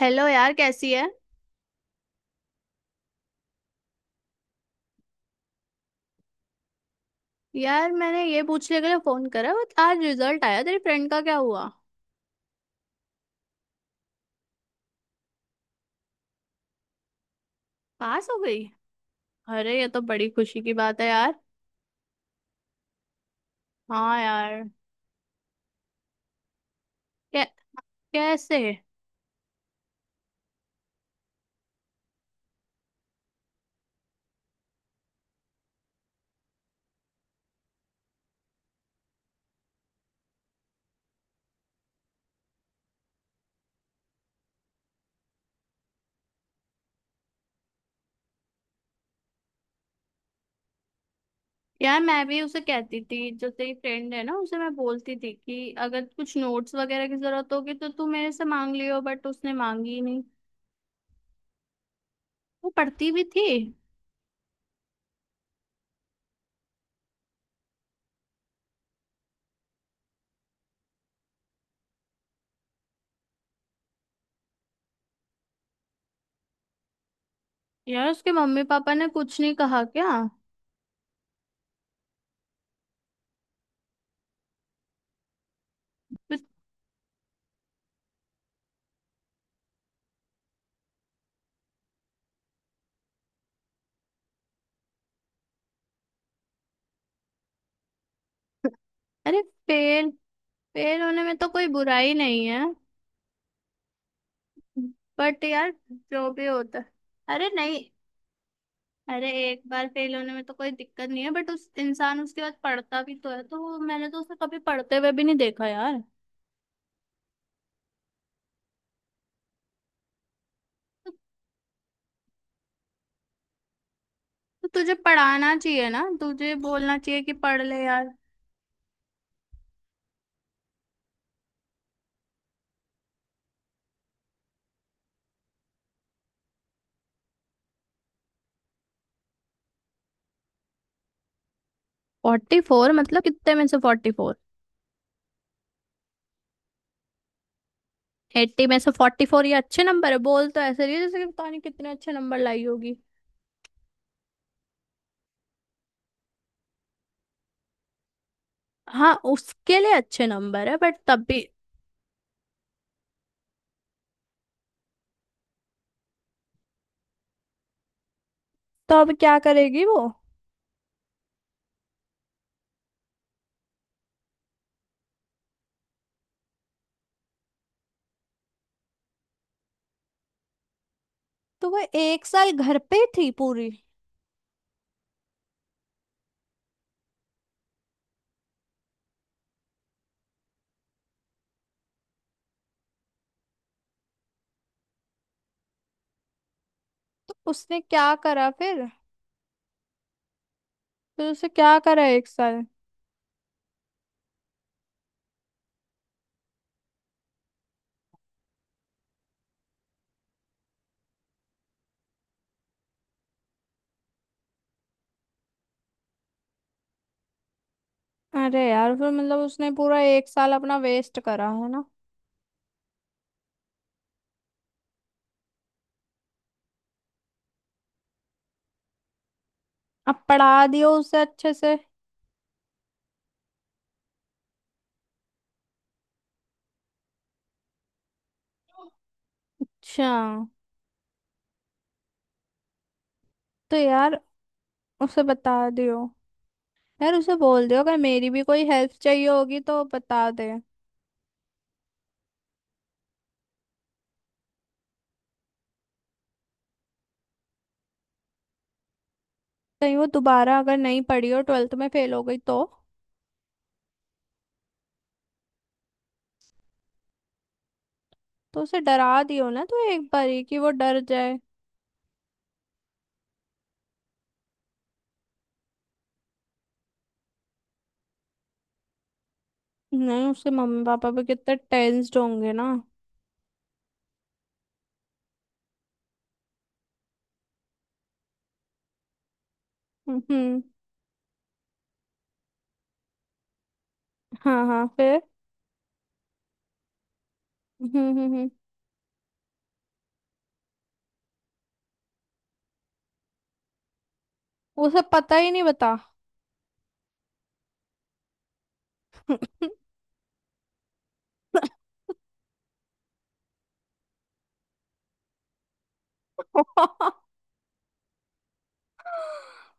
Hello यार, कैसी है। यार मैंने ये पूछने के लिए फोन करा बट आज रिजल्ट आया, तेरी फ्रेंड का क्या हुआ। पास हो गई। अरे ये तो बड़ी खुशी की बात है यार। हाँ यार। कै, कैसे। यार मैं भी उसे कहती थी, जो तेरी फ्रेंड है ना उसे मैं बोलती थी कि अगर कुछ नोट्स वगैरह की जरूरत होगी तो तू मेरे से मांग लियो, बट उसने मांगी ही नहीं। वो पढ़ती भी थी। यार उसके मम्मी पापा ने कुछ नहीं कहा क्या। अरे फेल, फेल होने में तो कोई बुराई नहीं है। बट यार जो भी होता है। अरे नहीं। अरे एक बार फेल होने में तो कोई दिक्कत नहीं है, बट उस इंसान उसके बाद पढ़ता भी तो है तो मैंने तो उसे कभी पढ़ते हुए भी नहीं देखा यार। तो तुझे पढ़ाना चाहिए ना, तुझे बोलना चाहिए कि पढ़ ले यार। फोर्टी फोर मतलब कितने में से 44। 80 में से 44, ये अच्छे नंबर है। बोल तो ऐसे रही है जैसे कि पता नहीं कितने अच्छे नंबर लाई होगी। हाँ उसके लिए अच्छे नंबर है, बट तब भी। तो अब क्या करेगी वो। तो वो एक साल घर पे ही थी पूरी। तो उसने क्या करा फिर। फिर उसे क्या करा एक साल। अरे यार, फिर मतलब उसने पूरा एक साल अपना वेस्ट करा है ना। अब पढ़ा दियो उसे अच्छे से। अच्छा। तो यार उसे बता दियो, यार उसे बोल दियो अगर मेरी भी कोई हेल्प चाहिए होगी तो बता दे। कहीं वो दोबारा अगर नहीं पढ़ी और ट्वेल्थ में फेल हो गई तो। तो उसे डरा दियो ना, तो एक बारी कि वो डर जाए। नहीं, उसके मम्मी पापा भी कितने टेंस्ड होंगे ना। हम्म। हाँ हाँ, फिर। हम्म। उसे पता ही नहीं, बता।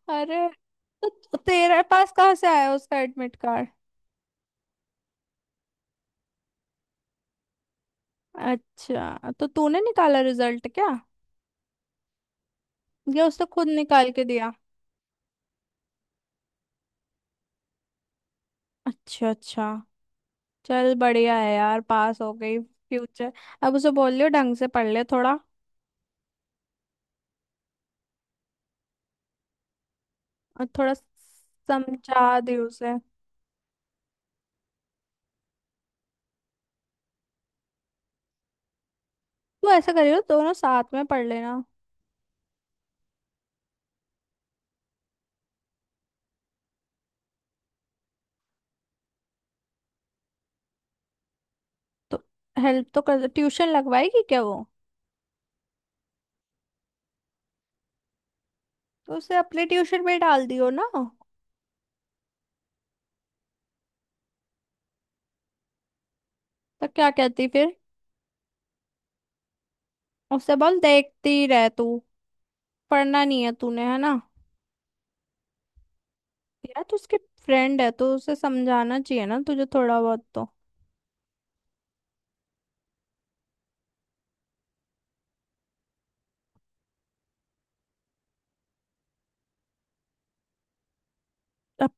अरे तो तेरे पास कहाँ से आया उसका एडमिट कार्ड। अच्छा तो तूने निकाला रिजल्ट क्या, या उसने खुद निकाल के दिया। अच्छा अच्छा। चल बढ़िया है यार, पास हो गई। फ्यूचर। अब उसे बोल लियो ढंग से पढ़ ले थोड़ा। और थोड़ा समझा दे उसे। तू ऐसा करियो, दोनों साथ में पढ़ लेना। तो हेल्प तो कर, ट्यूशन लगवाएगी क्या वो। तो उसे अपने ट्यूशन में डाल दियो ना। तो क्या कहती फिर। उससे बोल देखती ही रह तू, पढ़ना नहीं है तूने, है ना। यार तू उसके फ्रेंड है तो उसे समझाना चाहिए ना तुझे, थोड़ा बहुत तो। अब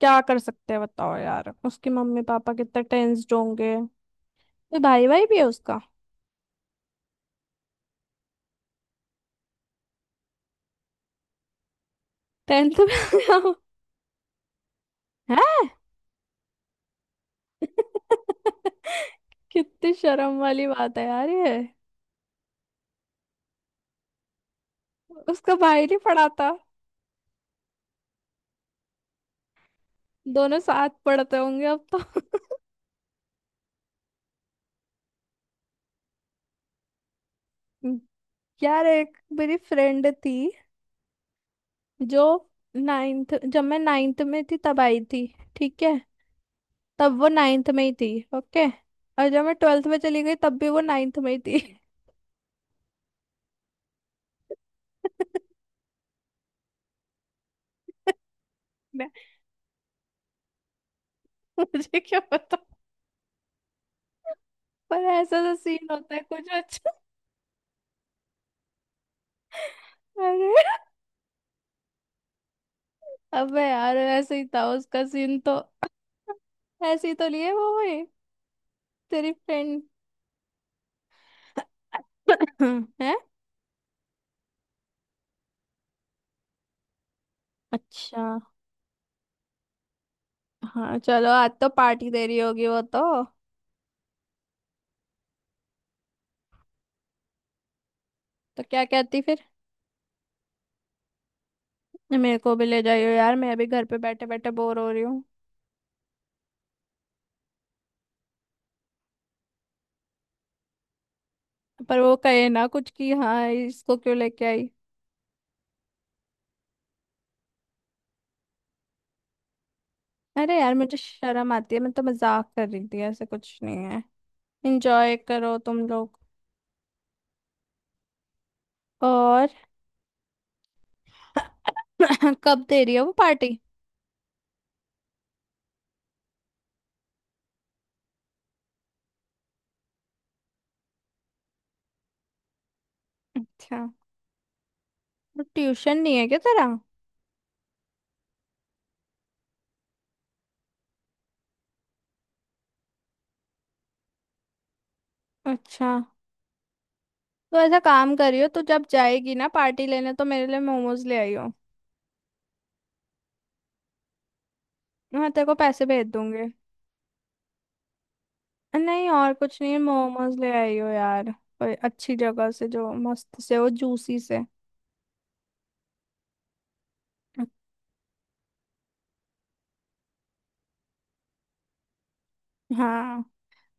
क्या कर सकते हैं बताओ। यार उसके मम्मी पापा कितने टेंस्ड होंगे। तो भाई, भाई भी है उसका। टेंथ में है। कितनी शर्म वाली बात है यार ये। उसका भाई नहीं पढ़ाता। दोनों साथ पढ़ते होंगे अब तो। यार एक मेरी फ्रेंड थी, जो नाइन्थ, जब मैं नाइन्थ में थी तब आई थी। ठीक है। तब वो नाइन्थ में ही थी। ओके। और जब मैं ट्वेल्थ में चली गई, तब भी वो नाइन्थ में ही थी। मैं- मुझे क्या पता। पर ऐसा तो सीन होता है कुछ अच्छा। अरे अबे यार, ऐसे ही था उसका सीन तो, ऐसे ही तो लिए वो हुई तेरी फ्रेंड। है अच्छा। हाँ चलो, आज तो पार्टी दे रही होगी वो तो। तो क्या कहती फिर। मेरे को भी ले जाइयो यार, मैं अभी घर पे बैठे बैठे बोर हो रही हूँ। पर वो कहे ना कुछ कि हाँ, इसको क्यों लेके आई। अरे यार मुझे शर्म आती है, मैं तो मजाक कर रही थी, ऐसे कुछ नहीं है। इंजॉय करो तुम लोग। और कब दे रही है वो पार्टी। अच्छा। तो ट्यूशन नहीं है क्या तेरा। अच्छा तो ऐसा काम करियो, तू जब जाएगी ना पार्टी लेने, तो मेरे लिए मोमोज ले आइयो। मैं तेरे को पैसे भेज दूंगी। नहीं और कुछ नहीं, मोमोज ले आई हो यार, कोई अच्छी जगह से, जो मस्त से हो, जूसी से। हाँ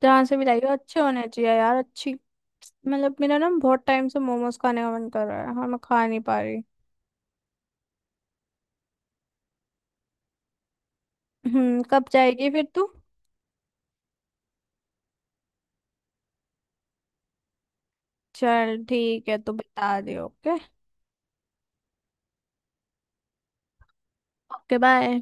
जहाँ से भी लाई हो अच्छे होने चाहिए यार, अच्छी। मतलब मेरा ना बहुत टाइम से मोमोज खाने का मन कर रहा है, हाँ मैं खा नहीं पा रही। कब जाएगी फिर तू। चल ठीक है, तू बता दे। ओके। Okay bye.